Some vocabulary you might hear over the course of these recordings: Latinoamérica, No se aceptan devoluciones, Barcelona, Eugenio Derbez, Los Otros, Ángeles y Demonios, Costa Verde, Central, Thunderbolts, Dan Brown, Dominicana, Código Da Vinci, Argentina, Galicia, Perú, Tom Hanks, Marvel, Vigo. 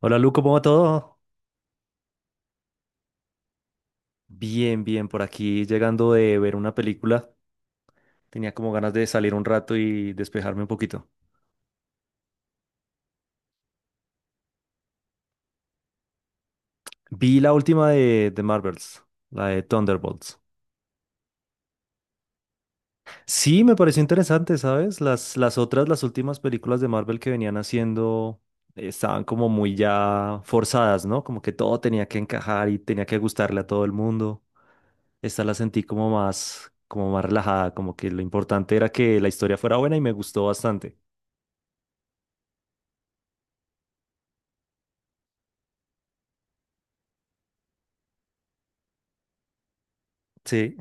Hola Lu, ¿cómo va todo? Bien, bien, por aquí llegando de ver una película. Tenía como ganas de salir un rato y despejarme un poquito. Vi la última de Marvels, la de Thunderbolts. Sí, me pareció interesante, ¿sabes? Las otras, las últimas películas de Marvel que venían haciendo estaban como muy ya forzadas, ¿no? Como que todo tenía que encajar y tenía que gustarle a todo el mundo. Esta la sentí como más relajada, como que lo importante era que la historia fuera buena y me gustó bastante. Sí.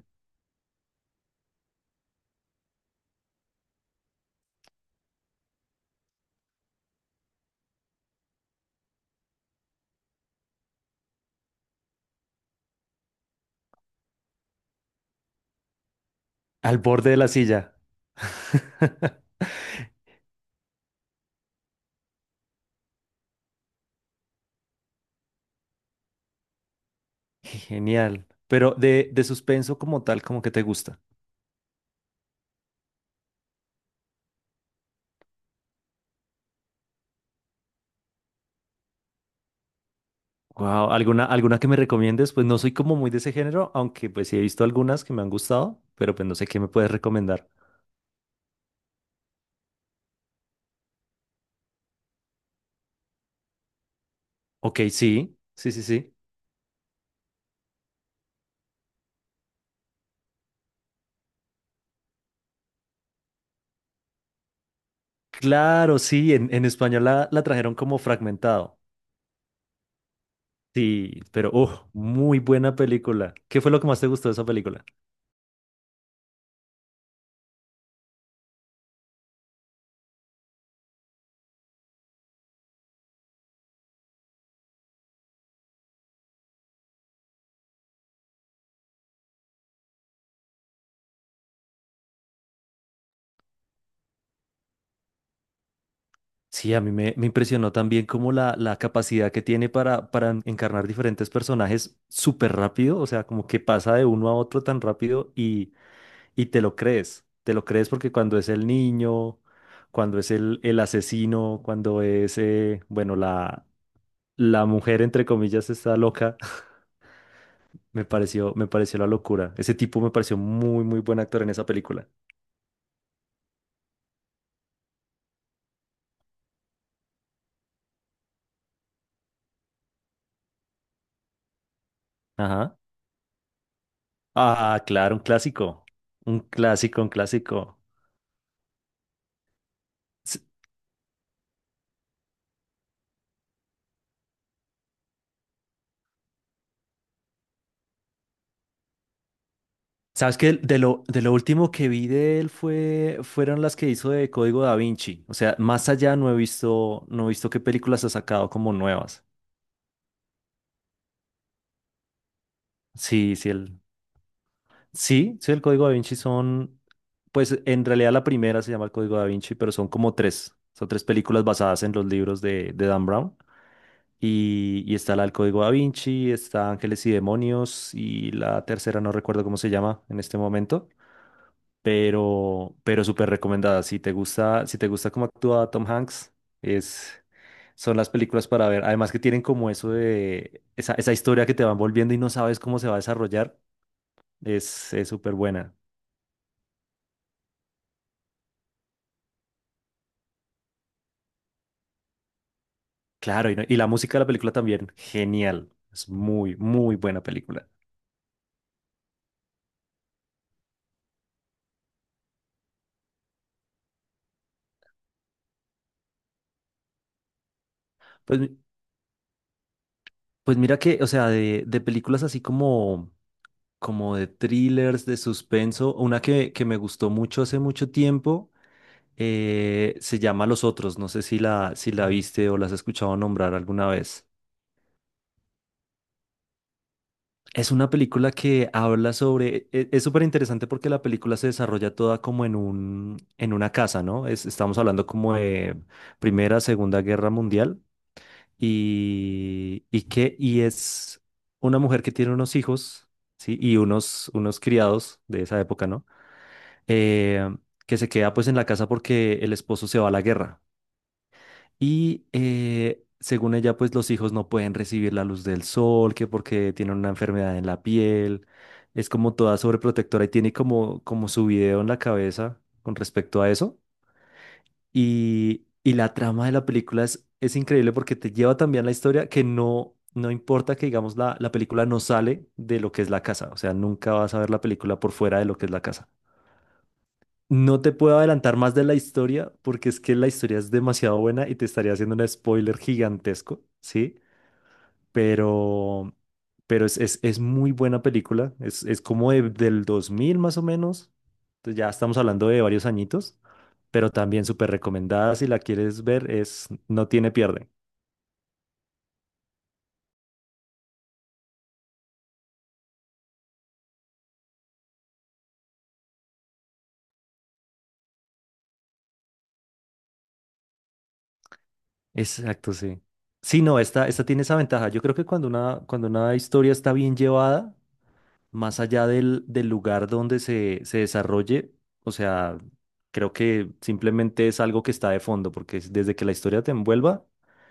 Al borde de la silla. Genial. Pero de suspenso como tal, como que te gusta. Wow, ¿alguna, alguna que me recomiendes? Pues no soy como muy de ese género, aunque pues sí he visto algunas que me han gustado, pero pues no sé qué me puedes recomendar. Ok, sí, sí, sí, sí. Claro, sí, en español la trajeron como fragmentado. Sí, pero oh, muy buena película. ¿Qué fue lo que más te gustó de esa película? Sí, a mí me impresionó también como la capacidad que tiene para encarnar diferentes personajes súper rápido, o sea, como que pasa de uno a otro tan rápido y te lo crees porque cuando es el niño, cuando es el asesino, cuando es, bueno, la mujer, entre comillas, está loca, me pareció la locura. Ese tipo me pareció muy, muy buen actor en esa película. Ajá. Ah, claro, un clásico, un clásico, un clásico. Sabes que de lo último que vi de él fueron las que hizo de Código Da Vinci. O sea, más allá no he visto, no he visto qué películas ha sacado como nuevas. Sí, sí, sí, sí, el Código Da Vinci son, pues en realidad la primera se llama el Código Da Vinci, pero son como tres. Son tres películas basadas en los libros de Dan Brown. Y está la del Código Da Vinci, está Ángeles y Demonios y la tercera no recuerdo cómo se llama en este momento. Pero súper recomendada. Si te gusta, si te gusta cómo actúa Tom Hanks, es, son las películas para ver. Además que tienen como eso de esa, esa historia que te van volviendo y no sabes cómo se va a desarrollar, es súper buena. Claro, y, y la música de la película también, genial. Es muy, muy buena película. Pues, mi- pues mira que, o sea, de películas así como, como de thrillers, de suspenso, una que me gustó mucho hace mucho tiempo se llama Los Otros, no sé si la, si la viste o la has escuchado nombrar alguna vez. Es una película que habla sobre, es súper interesante porque la película se desarrolla toda como en un, en una casa, ¿no? Estamos hablando como de Primera, Segunda Guerra Mundial y que, y es una mujer que tiene unos hijos, ¿sí? Y unos, unos criados de esa época, ¿no? Eh, que se queda pues en la casa porque el esposo se va a la guerra. Y según ella, pues los hijos no pueden recibir la luz del sol, que porque tienen una enfermedad en la piel. Es como toda sobreprotectora y tiene como, como su video en la cabeza con respecto a eso. Y la trama de la película es increíble porque te lleva también la historia que no, no importa que, digamos, la película no sale de lo que es la casa. O sea, nunca vas a ver la película por fuera de lo que es la casa. No te puedo adelantar más de la historia porque es que la historia es demasiado buena y te estaría haciendo un spoiler gigantesco, ¿sí? Pero, pero es muy buena película, es como del 2000 más o menos, entonces ya estamos hablando de varios añitos, pero también súper recomendada si la quieres ver, es no tiene pierde. Exacto, sí. Sí, no, esta tiene esa ventaja. Yo creo que cuando una historia está bien llevada, más allá del lugar donde se desarrolle, o sea, creo que simplemente es algo que está de fondo, porque desde que la historia te envuelva,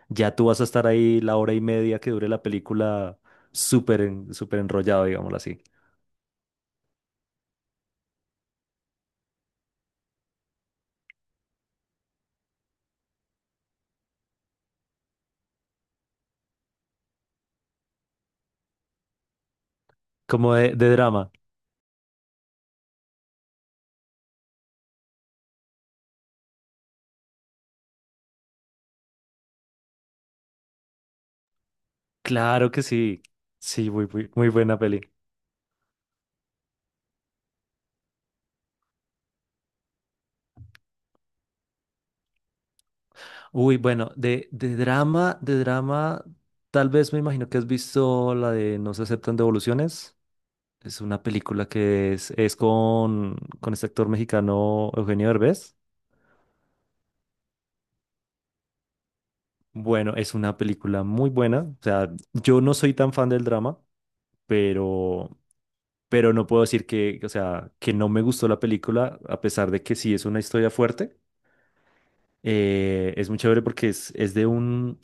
ya tú vas a estar ahí la hora y media que dure la película súper enrollado, digámoslo así. Como de drama. Claro que sí. Sí, muy, muy, muy buena peli. Uy, bueno, de drama, de drama, tal vez me imagino que has visto la de No se aceptan devoluciones. Es una película que es con este actor mexicano Eugenio Derbez. Bueno, es una película muy buena. O sea, yo no soy tan fan del drama, pero, pero no puedo decir que, o sea, que no me gustó la película, a pesar de que sí es una historia fuerte. Es muy chévere porque es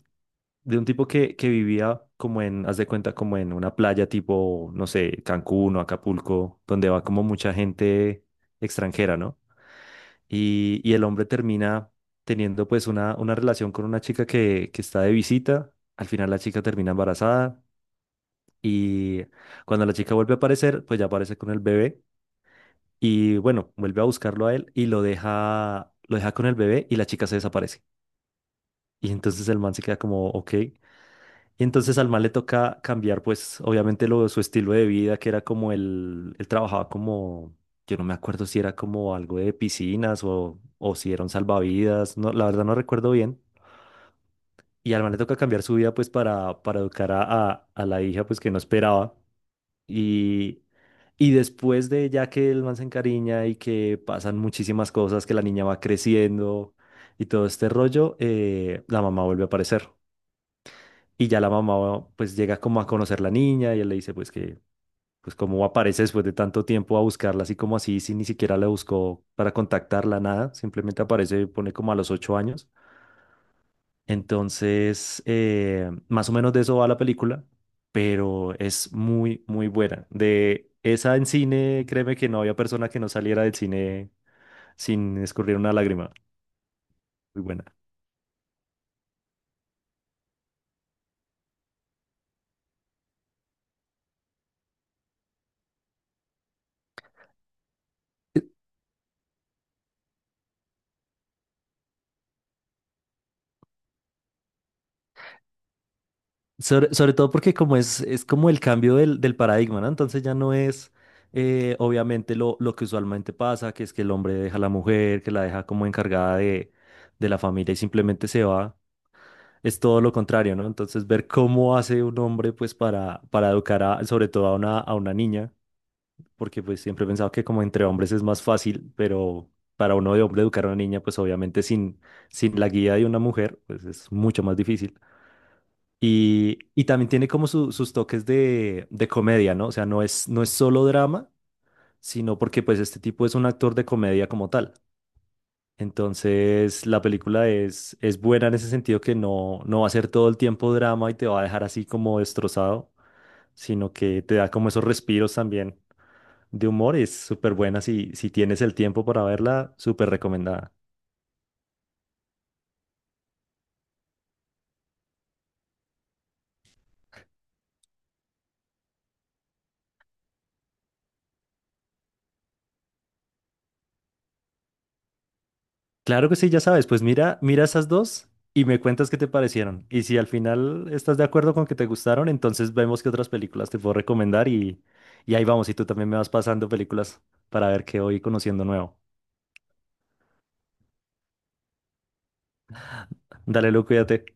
de un tipo que vivía como en, haz de cuenta, como en una playa tipo, no sé, Cancún o Acapulco, donde va como mucha gente extranjera, ¿no? Y, y el hombre termina teniendo pues una relación con una chica que está de visita. Al final la chica termina embarazada y cuando la chica vuelve a aparecer, pues ya aparece con el bebé y bueno, vuelve a buscarlo a él y lo deja con el bebé y la chica se desaparece. Y entonces el man se queda como, ok. Y entonces al man le toca cambiar, pues, obviamente lo, su estilo de vida, que era como el, él trabajaba como, yo no me acuerdo si era como algo de piscinas o si era un salvavidas, no, la verdad no recuerdo bien. Y al man le toca cambiar su vida, pues, para educar a la hija, pues, que no esperaba. Y, y después de ya que el man se encariña y que pasan muchísimas cosas, que la niña va creciendo y todo este rollo, la mamá vuelve a aparecer. Y ya la mamá pues llega como a conocer la niña y él le dice pues que pues cómo aparece después de tanto tiempo a buscarla así como así, si ni siquiera la buscó para contactarla, nada, simplemente aparece, pone como a los 8 años. Entonces, más o menos de eso va la película, pero es muy, muy buena. De esa en cine, créeme que no había persona que no saliera del cine sin escurrir una lágrima. Muy buena. Sobre, sobre todo porque como es como el cambio del paradigma, ¿no? Entonces ya no es obviamente lo que usualmente pasa, que es que el hombre deja a la mujer, que la deja como encargada de la familia y simplemente se va. Es todo lo contrario, ¿no? Entonces ver cómo hace un hombre pues para educar a, sobre todo a una niña, porque pues siempre he pensado que como entre hombres es más fácil, pero para uno de hombre educar a una niña pues obviamente sin, sin la guía de una mujer pues es mucho más difícil. Y también tiene como sus toques de comedia, ¿no? O sea, no es, no es solo drama, sino porque pues este tipo es un actor de comedia como tal. Entonces, la película es buena en ese sentido que no, no va a ser todo el tiempo drama y te va a dejar así como destrozado, sino que te da como esos respiros también de humor. Y es súper buena si, si tienes el tiempo para verla, súper recomendada. Claro que sí, ya sabes, pues mira, mira esas dos y me cuentas qué te parecieron. Y si al final estás de acuerdo con que te gustaron, entonces vemos qué otras películas te puedo recomendar y ahí vamos, y tú también me vas pasando películas para ver qué voy conociendo nuevo. Dale, Lu, cuídate.